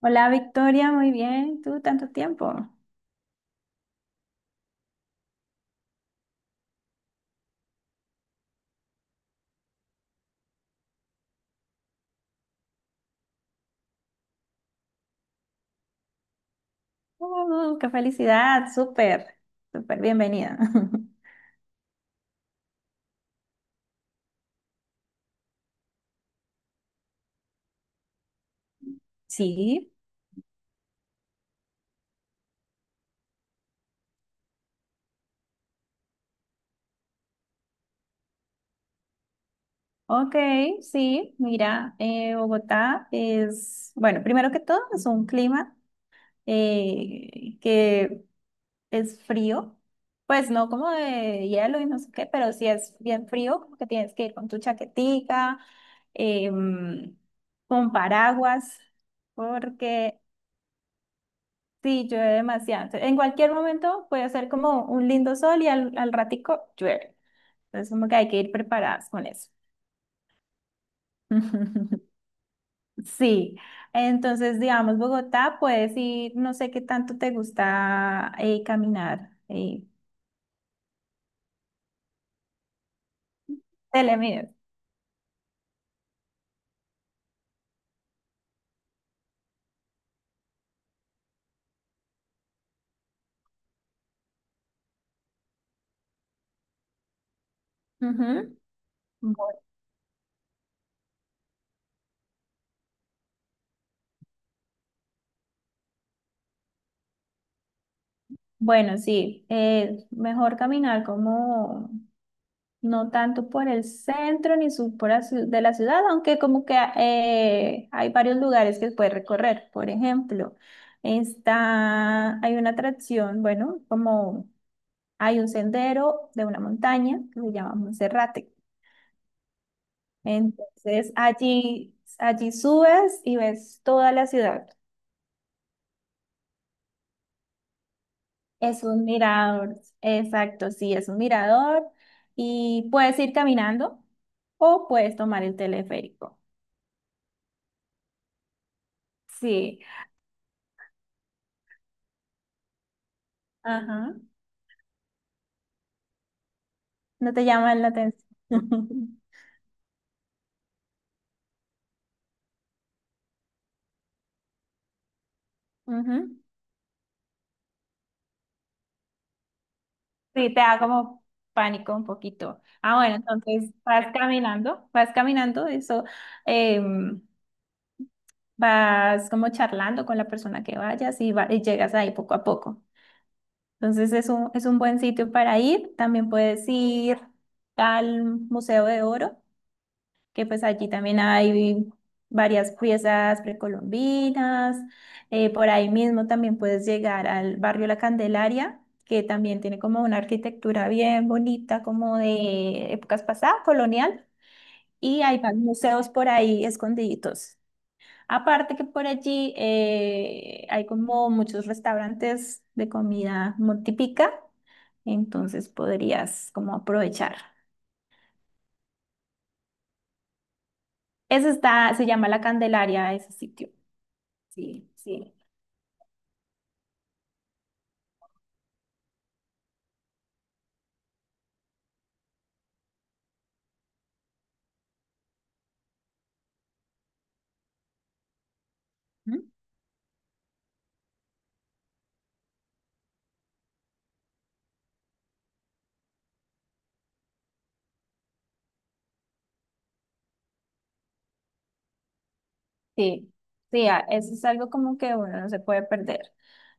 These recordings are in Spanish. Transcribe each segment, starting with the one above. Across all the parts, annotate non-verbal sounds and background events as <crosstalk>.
Hola Victoria, muy bien. ¿Tú tanto tiempo? Oh, qué felicidad, súper, súper bienvenida. <laughs> Sí, ok, sí, mira, Bogotá es, bueno, primero que todo es un clima que es frío, pues no como de hielo y no sé qué, pero sí es bien frío, como que tienes que ir con tu chaquetica, em, con paraguas, porque... Sí, llueve demasiado. Entonces, en cualquier momento puede hacer como un lindo sol y al ratico llueve. Entonces, como que hay que ir preparadas con eso. <laughs> Sí, entonces, digamos, Bogotá, puedes ir, no sé qué tanto te gusta caminar. Telemías. Ujú. Bu- Bueno, sí, mejor caminar como no tanto por el centro ni sur por la ciu- de la ciudad, aunque como que hay varios lugares que puedes recorrer. Por ejemplo, está, hay una atracción, bueno, como hay un sendero de una montaña que se llama Monserrate. Entonces allí subes y ves toda la ciudad. Es un mirador, exacto, sí, es un mirador y puedes ir caminando o puedes tomar el teleférico. Sí, ajá. No te llaman la atención. <laughs> Ujú. Sí, te da como pánico un poquito. Ah, bueno, entonces eso, em, vas como charlando con la persona que vayas y, y llegas ahí poco a poco. Entonces es un buen sitio para ir. También puedes ir al Museo de Oro, que pues allí también hay varias piezas precolombinas. Por ahí mismo también puedes llegar al barrio La Candelaria, que también tiene como una arquitectura bien bonita, como de épocas pasadas, colonial, y hay más museos por ahí escondiditos. Aparte que por allí hay como muchos restaurantes de comida muy típica, entonces podrías como aprovechar. Ese está, se llama La Candelaria, ese sitio. Sí, sí. ¿Mm? Sí, sí, eso es algo como que uno no se puede perder.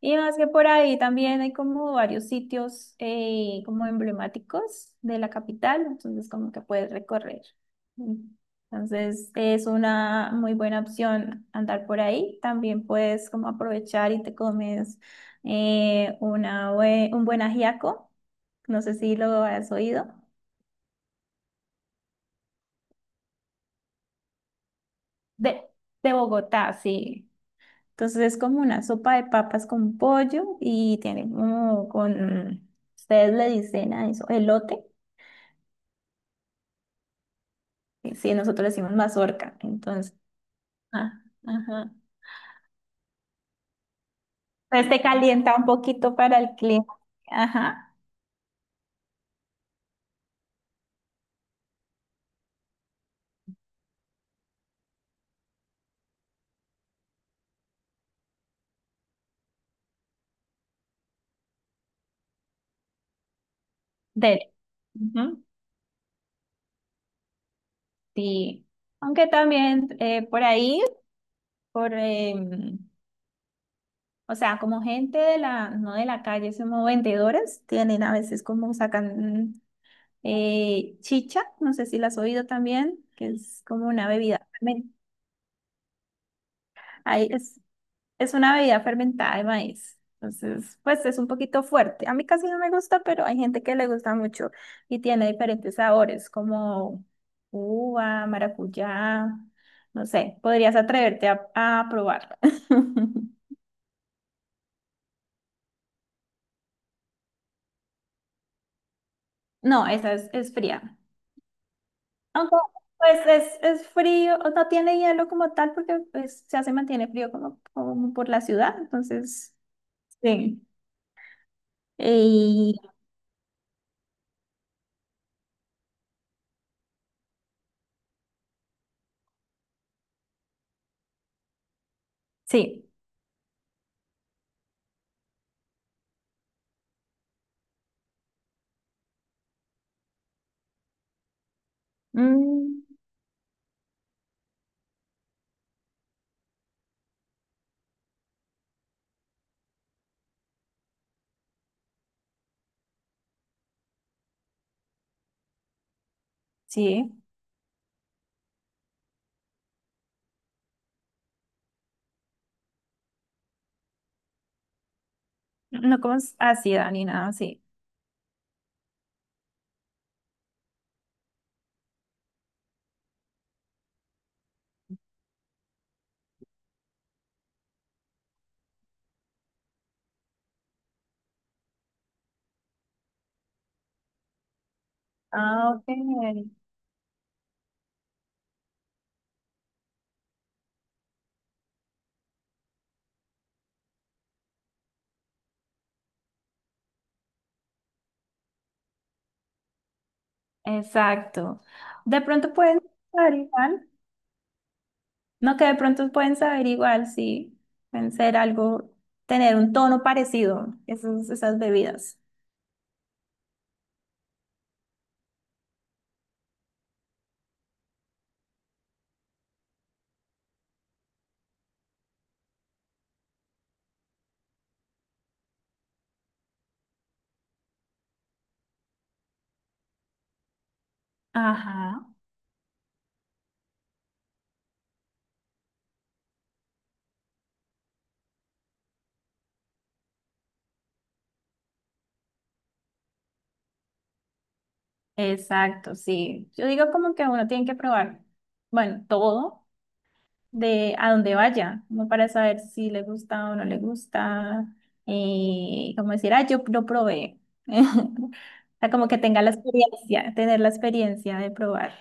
Y más que por ahí también hay como varios sitios como emblemáticos de la capital, entonces como que puedes recorrer. Mm. Entonces es una muy buena opción andar por ahí. También puedes como aprovechar y te comes un buen ajiaco, no sé si lo has oído, de, de Bogotá, sí. Entonces es como una sopa de papas con pollo y tiene como con, ustedes le dicen a eso, elote, y sí, nosotros le decimos mazorca, entonces, ah, ajá. Entonces te calienta un poquito para el clima, ajá, dele. Ujú, sí, aunque también por ahí, por, em, o sea, como gente de la, no de la calle, sino vendedores, tienen a veces como sacan eh, chicha, no sé si la has oído también, que es como una bebida fermentada. es, es una bebida fermentada de maíz. Entonces, pues es un poquito fuerte. A mí casi no me gusta, pero hay gente que le gusta mucho y tiene diferentes sabores, como uva, maracuyá, no sé, podrías atreverte a probarla. <laughs> No, es fría. Aunque, pues es frío, o no tiene hielo como tal, porque pues, ya se mantiene frío como, como por la ciudad, entonces... Sí. Y sí. Mm, sí. No como ácida ni nada así. Ah, ok. Exacto. De pronto pueden saber igual. No, que de pronto pueden saber igual, sí. Pueden ser algo, tener un tono parecido, esas bebidas. Ajá. Exacto, sí. Yo digo como que uno tiene que probar, bueno, todo, de a dónde vaya, como para saber si le gusta o no le gusta, como decir, ah, yo lo probé. <laughs> O sea, como que tenga la experiencia, tener la experiencia de probar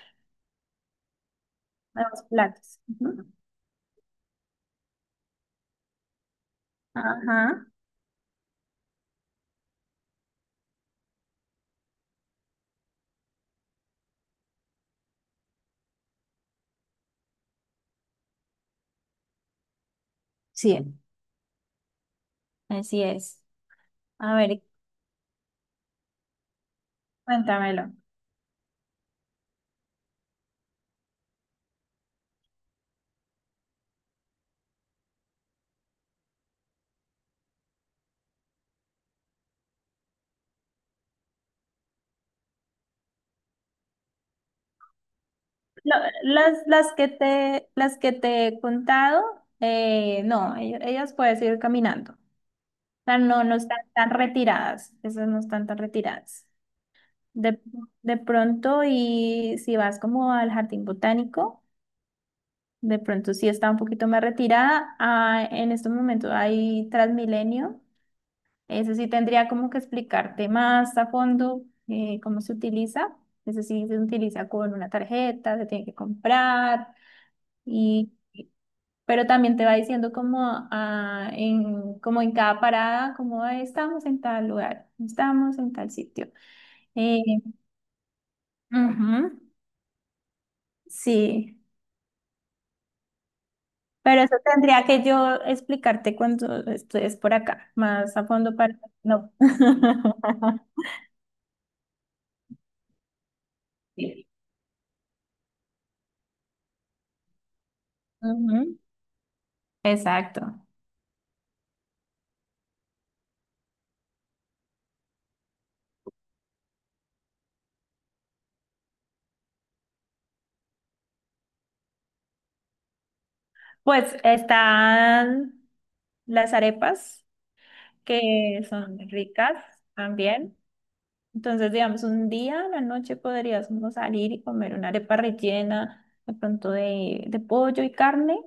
nuevos platos. Ujú. Ajá, sí, así es. A ver, cuéntamelo. Lo- las que te he contado, no, ellas puedes ir caminando. O sea, no están tan retiradas, esas no están tan retiradas. De, de pronto, y si vas como al jardín botánico, de pronto sí está un poquito más retirada. Ah, en estos momentos hay Transmilenio. Ese sí tendría como que explicarte más a fondo cómo se utiliza. Ese sí se utiliza con una tarjeta, se tiene que comprar, y, pero también te va diciendo como, ah, en, como en cada parada, como "Ah, estamos en tal lugar, estamos en tal sitio". Eh, ujú, sí. Pero eso tendría que yo explicarte cuando estés por acá, más a fondo para... No. <laughs> Sí. Ujú, exacto. Pues están las arepas, que son ricas también. Entonces, digamos, un día a la noche podríamos salir y comer una arepa rellena, de pronto de pollo y carne.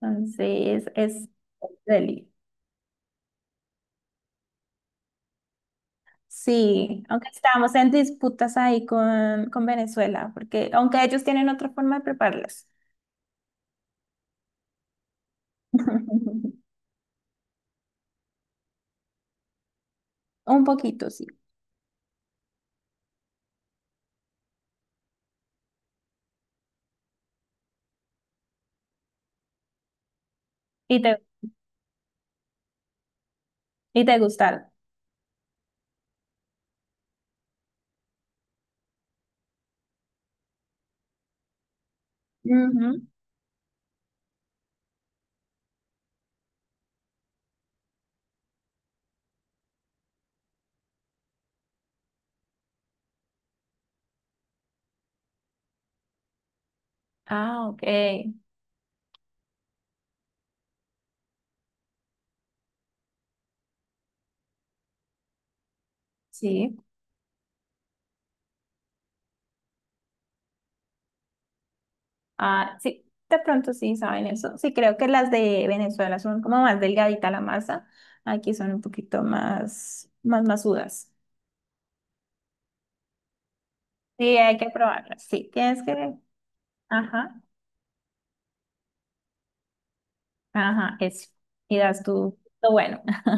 Entonces, es deli. Sí, aunque estamos en disputas ahí con Venezuela, porque aunque ellos tienen otra forma de prepararlas. <laughs> Un poquito, sí. Y te, y te gustaron. Ujú. Ah, ok. Sí. Ah, sí. De pronto sí saben eso. Sí, creo que las de Venezuela son como más delgadita la masa. Aquí son un poquito más, más masudas. Sí, hay que probarlas. Sí, tienes que. Ajá, ajá, eso. Y das tú lo bueno. <laughs>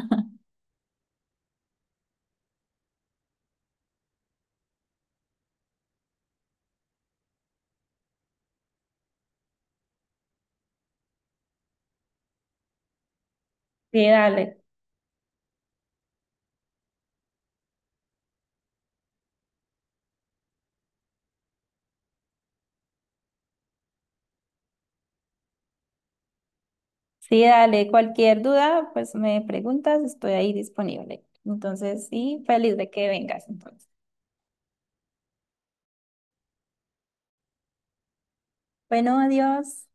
Sí, dale. Sí, dale, cualquier duda, pues me preguntas, estoy ahí disponible. Entonces, sí, feliz de que vengas entonces. Bueno, adiós.